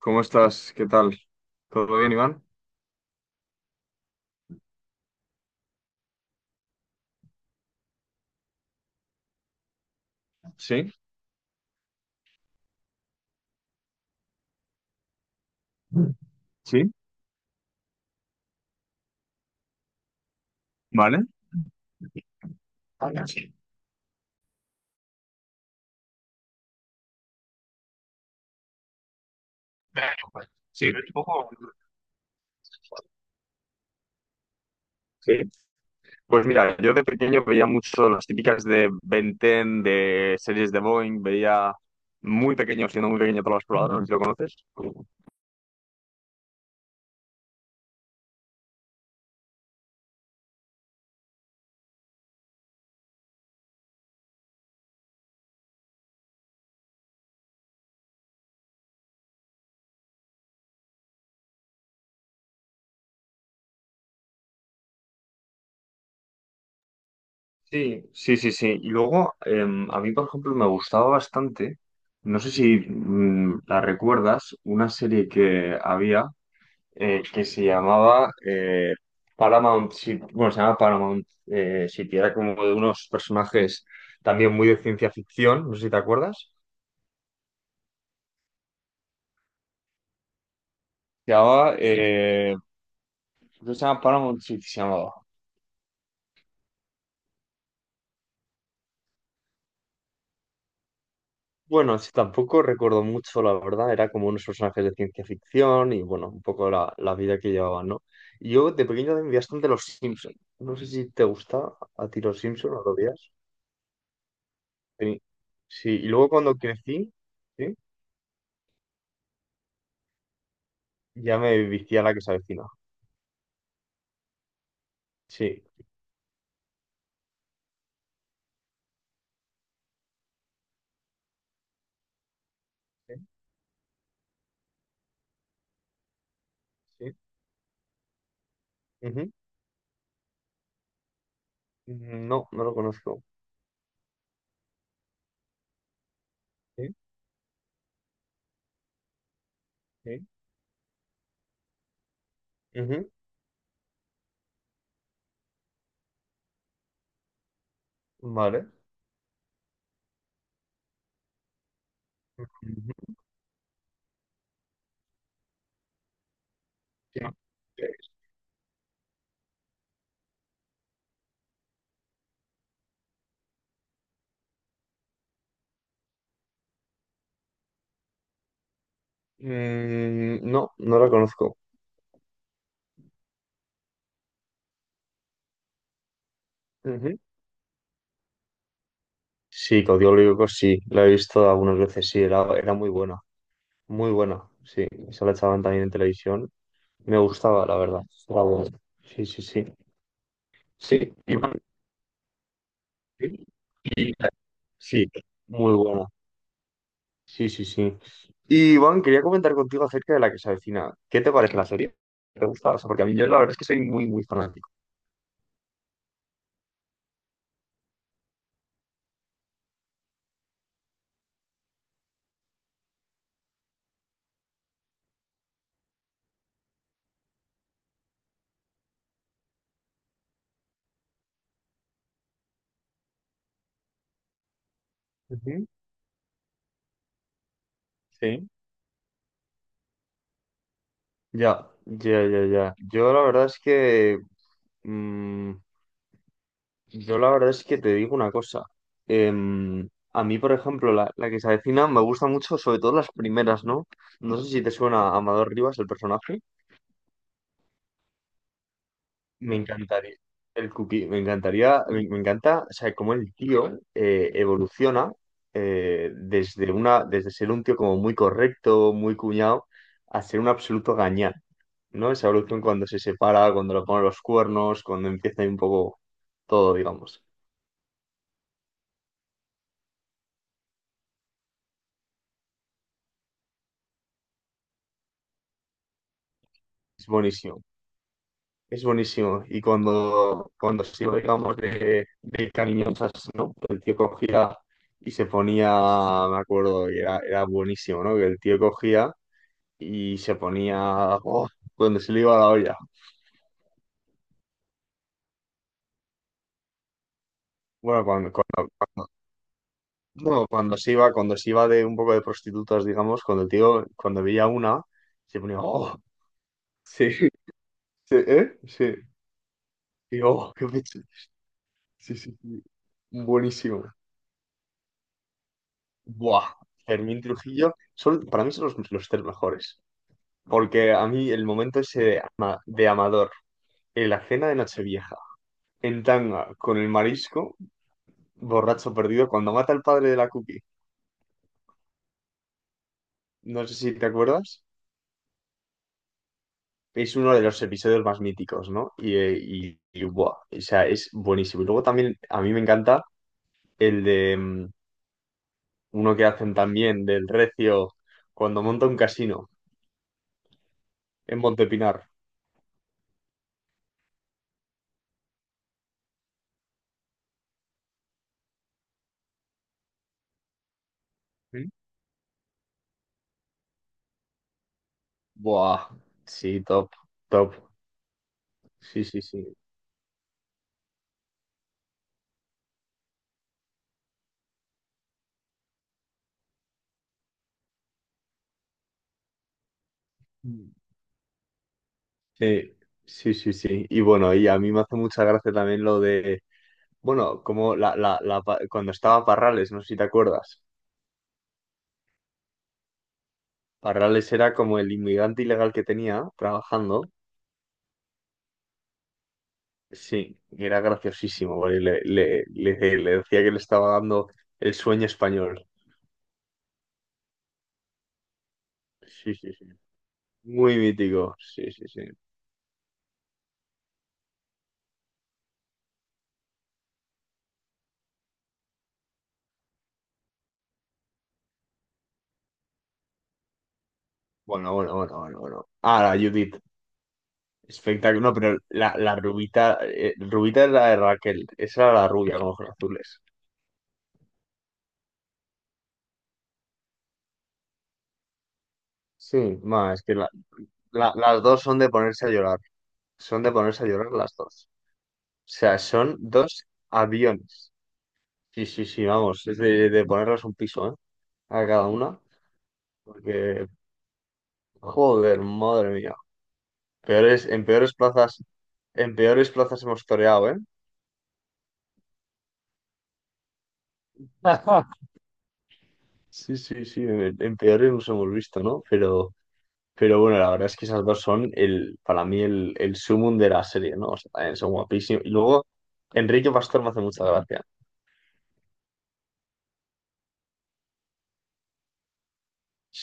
¿Cómo estás? ¿Qué tal? ¿Todo bien, Iván? Sí, sí, vale. Hola, sí. Sí, un poco- sí. Pues mira, yo de pequeño veía mucho las típicas de Ben 10, de series de Boeing, veía muy pequeño, siendo muy pequeño, todos los exploradores, ¿lo conoces? Sí, sí, sí, sí. Y luego, a mí, por ejemplo, me gustaba bastante, no sé si la recuerdas, una serie que había, que se llamaba Paramount City. Bueno, se llama Paramount City, era como de unos personajes también muy de ciencia ficción, no sé si te acuerdas. Se llamaba, creo que se llama Paramount City, se llamaba. Bueno, sí, tampoco recuerdo mucho, la verdad, era como unos personajes de ciencia ficción y bueno, un poco la vida que llevaban, ¿no? Yo de pequeño también vi bastante Los Simpson. No sé si te gusta a ti Los Simpson o lo veías. Sí, sí, y luego cuando crecí, ¿sí? Ya me vicié a la que se avecina. Sí. Sí. Sí. Ujú. No, no lo conozco. Sí, sí. Ujú. Vale. Ujú. Sí. Mm, no, no la conozco. Ujú. Sí, Código Lyrico sí, la he visto algunas veces, sí, era muy buena, sí, esa la echaban también en televisión, me gustaba, la verdad, era buena. Sí, sí, sí, sí, y bueno, sí, y- sí, muy buena, sí, sí, sí. Y Iván, quería comentar contigo acerca de la que se avecina. ¿Qué te parece la serie? ¿Te gusta? O sea, porque a mí, yo la verdad es que soy muy, muy fanático. Ujú, sí. Ya, ya, ya, ya. Yo la verdad es que, mm, yo la verdad es que te digo una cosa. Em, a mí, por ejemplo, la que se avecina me gusta mucho, sobre todo las primeras, ¿no? No sé si te suena a Amador Rivas, el personaje. Me encantaría. El cookie, me encantaría, me encanta, o sea, cómo el tío evoluciona desde una, desde ser un tío como muy correcto, muy cuñado, a ser un absoluto gañán, ¿no? Esa evolución cuando se separa, cuando le ponen los cuernos, cuando empieza ahí un poco todo, digamos. Es buenísimo, es buenísimo. Y cuando, cuando se iba, digamos, de cariñosas, ¿no? El tío cogía y se ponía, me acuerdo, y era, era buenísimo, ¿no? Que el tío cogía y se ponía oh, cuando se le iba la olla. Bueno, no, cuando se iba de un poco de prostitutas, digamos, cuando el tío, cuando veía una, se ponía, oh, sí, sí, ¿eh? Sí. Y oh, qué pecho. Sí, sí, sí. Buenísimo. Buah. Fermín Trujillo, son, para mí son los tres mejores. Porque a mí el momento ese de, de Amador, en la cena de Nochevieja, en tanga, con el marisco, borracho perdido, cuando mata al padre de la cookie, no sé si te acuerdas, es uno de los episodios más míticos, ¿no? Y, buah, o sea, es buenísimo. Y luego también a mí me encanta el de uno que hacen también del Recio cuando monta un casino en Montepinar. ¿Mm? Buah, sí, top, top. Sí, sí, sí. Mm. Sí, sí, sí, sí. Y bueno, y a mí me hace mucha gracia también lo de, bueno, como cuando estaba Parrales, no sé si te acuerdas. Parrales era como el inmigrante ilegal que tenía trabajando. Sí, y era graciosísimo, porque le decía que le estaba dando el sueño español. Sí, sí, sí. Muy mítico. Sí, sí, sí. Bueno, bueno, bueno, bueno, bueno. Ah, la Judith. Espectáculo. No, pero la rubita, rubita es la de Raquel. Esa era la rubia con ojos azules. Sí, más, la- las dos son de ponerse a llorar. Son de ponerse a llorar las dos. O sea, son dos aviones. Sí, sí, sí, vamos. Es de ponerles un piso, ¿eh? A cada una. Porque joder, madre mía. Peores, en peores plazas hemos toreado, ¿eh? Sí, sí, sí, en peores nos hemos visto, ¿no? Pero bueno, la verdad es que esas dos son el, para mí el sumum de la serie, ¿no? O sea, también son guapísimos. Y luego, Enrique Pastor me hace mucha gracia.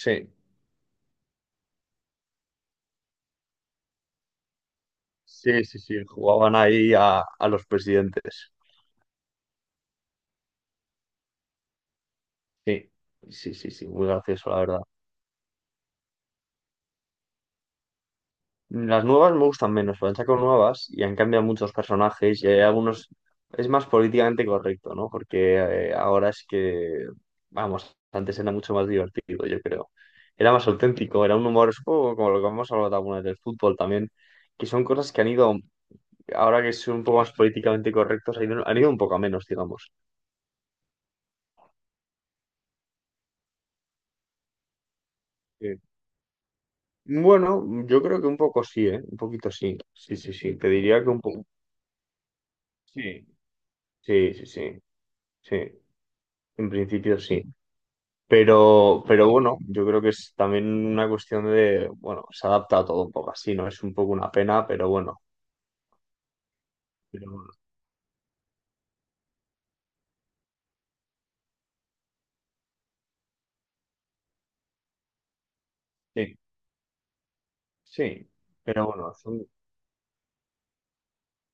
Sí, sí, sí, sí, jugaban ahí a los presidentes. Sí, sí, sí, sí, muy gracioso, la verdad. Las nuevas me gustan menos, pero han sacado nuevas y han cambiado muchos personajes y hay algunos... Es más políticamente correcto, ¿no? Porque ahora es que, vamos, antes era mucho más divertido, yo creo. Era más auténtico, era un humor, es un poco como lo que hemos hablado alguna vez del fútbol también, que son cosas que han ido, ahora que son un poco más políticamente correctos, han ido un poco a menos, digamos. Eh, Bueno, yo creo que un poco sí, ¿eh? Un poquito sí. Sí, sí, sí. Te diría que un poco... Sí, sí, sí, sí. Sí, en principio sí. Pero bueno, yo creo que es también una cuestión de, bueno, se adapta a todo un poco así, ¿no? Es un poco una pena, pero bueno, sí, sí, pero bueno, son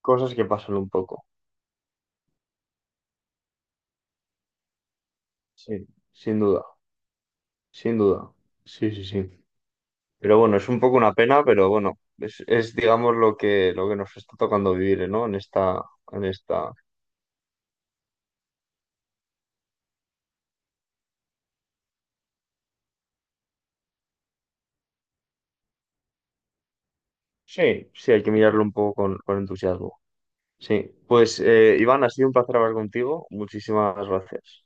cosas que pasan un poco, sí, sin duda, sin duda, sí, sí, sí. Pero bueno, es un poco una pena, pero bueno, es digamos lo que nos está tocando vivir, ¿no? En esta. Sí, sí, hay que mirarlo un poco con entusiasmo. Sí, pues Iván, ha sido un placer hablar contigo. Muchísimas gracias.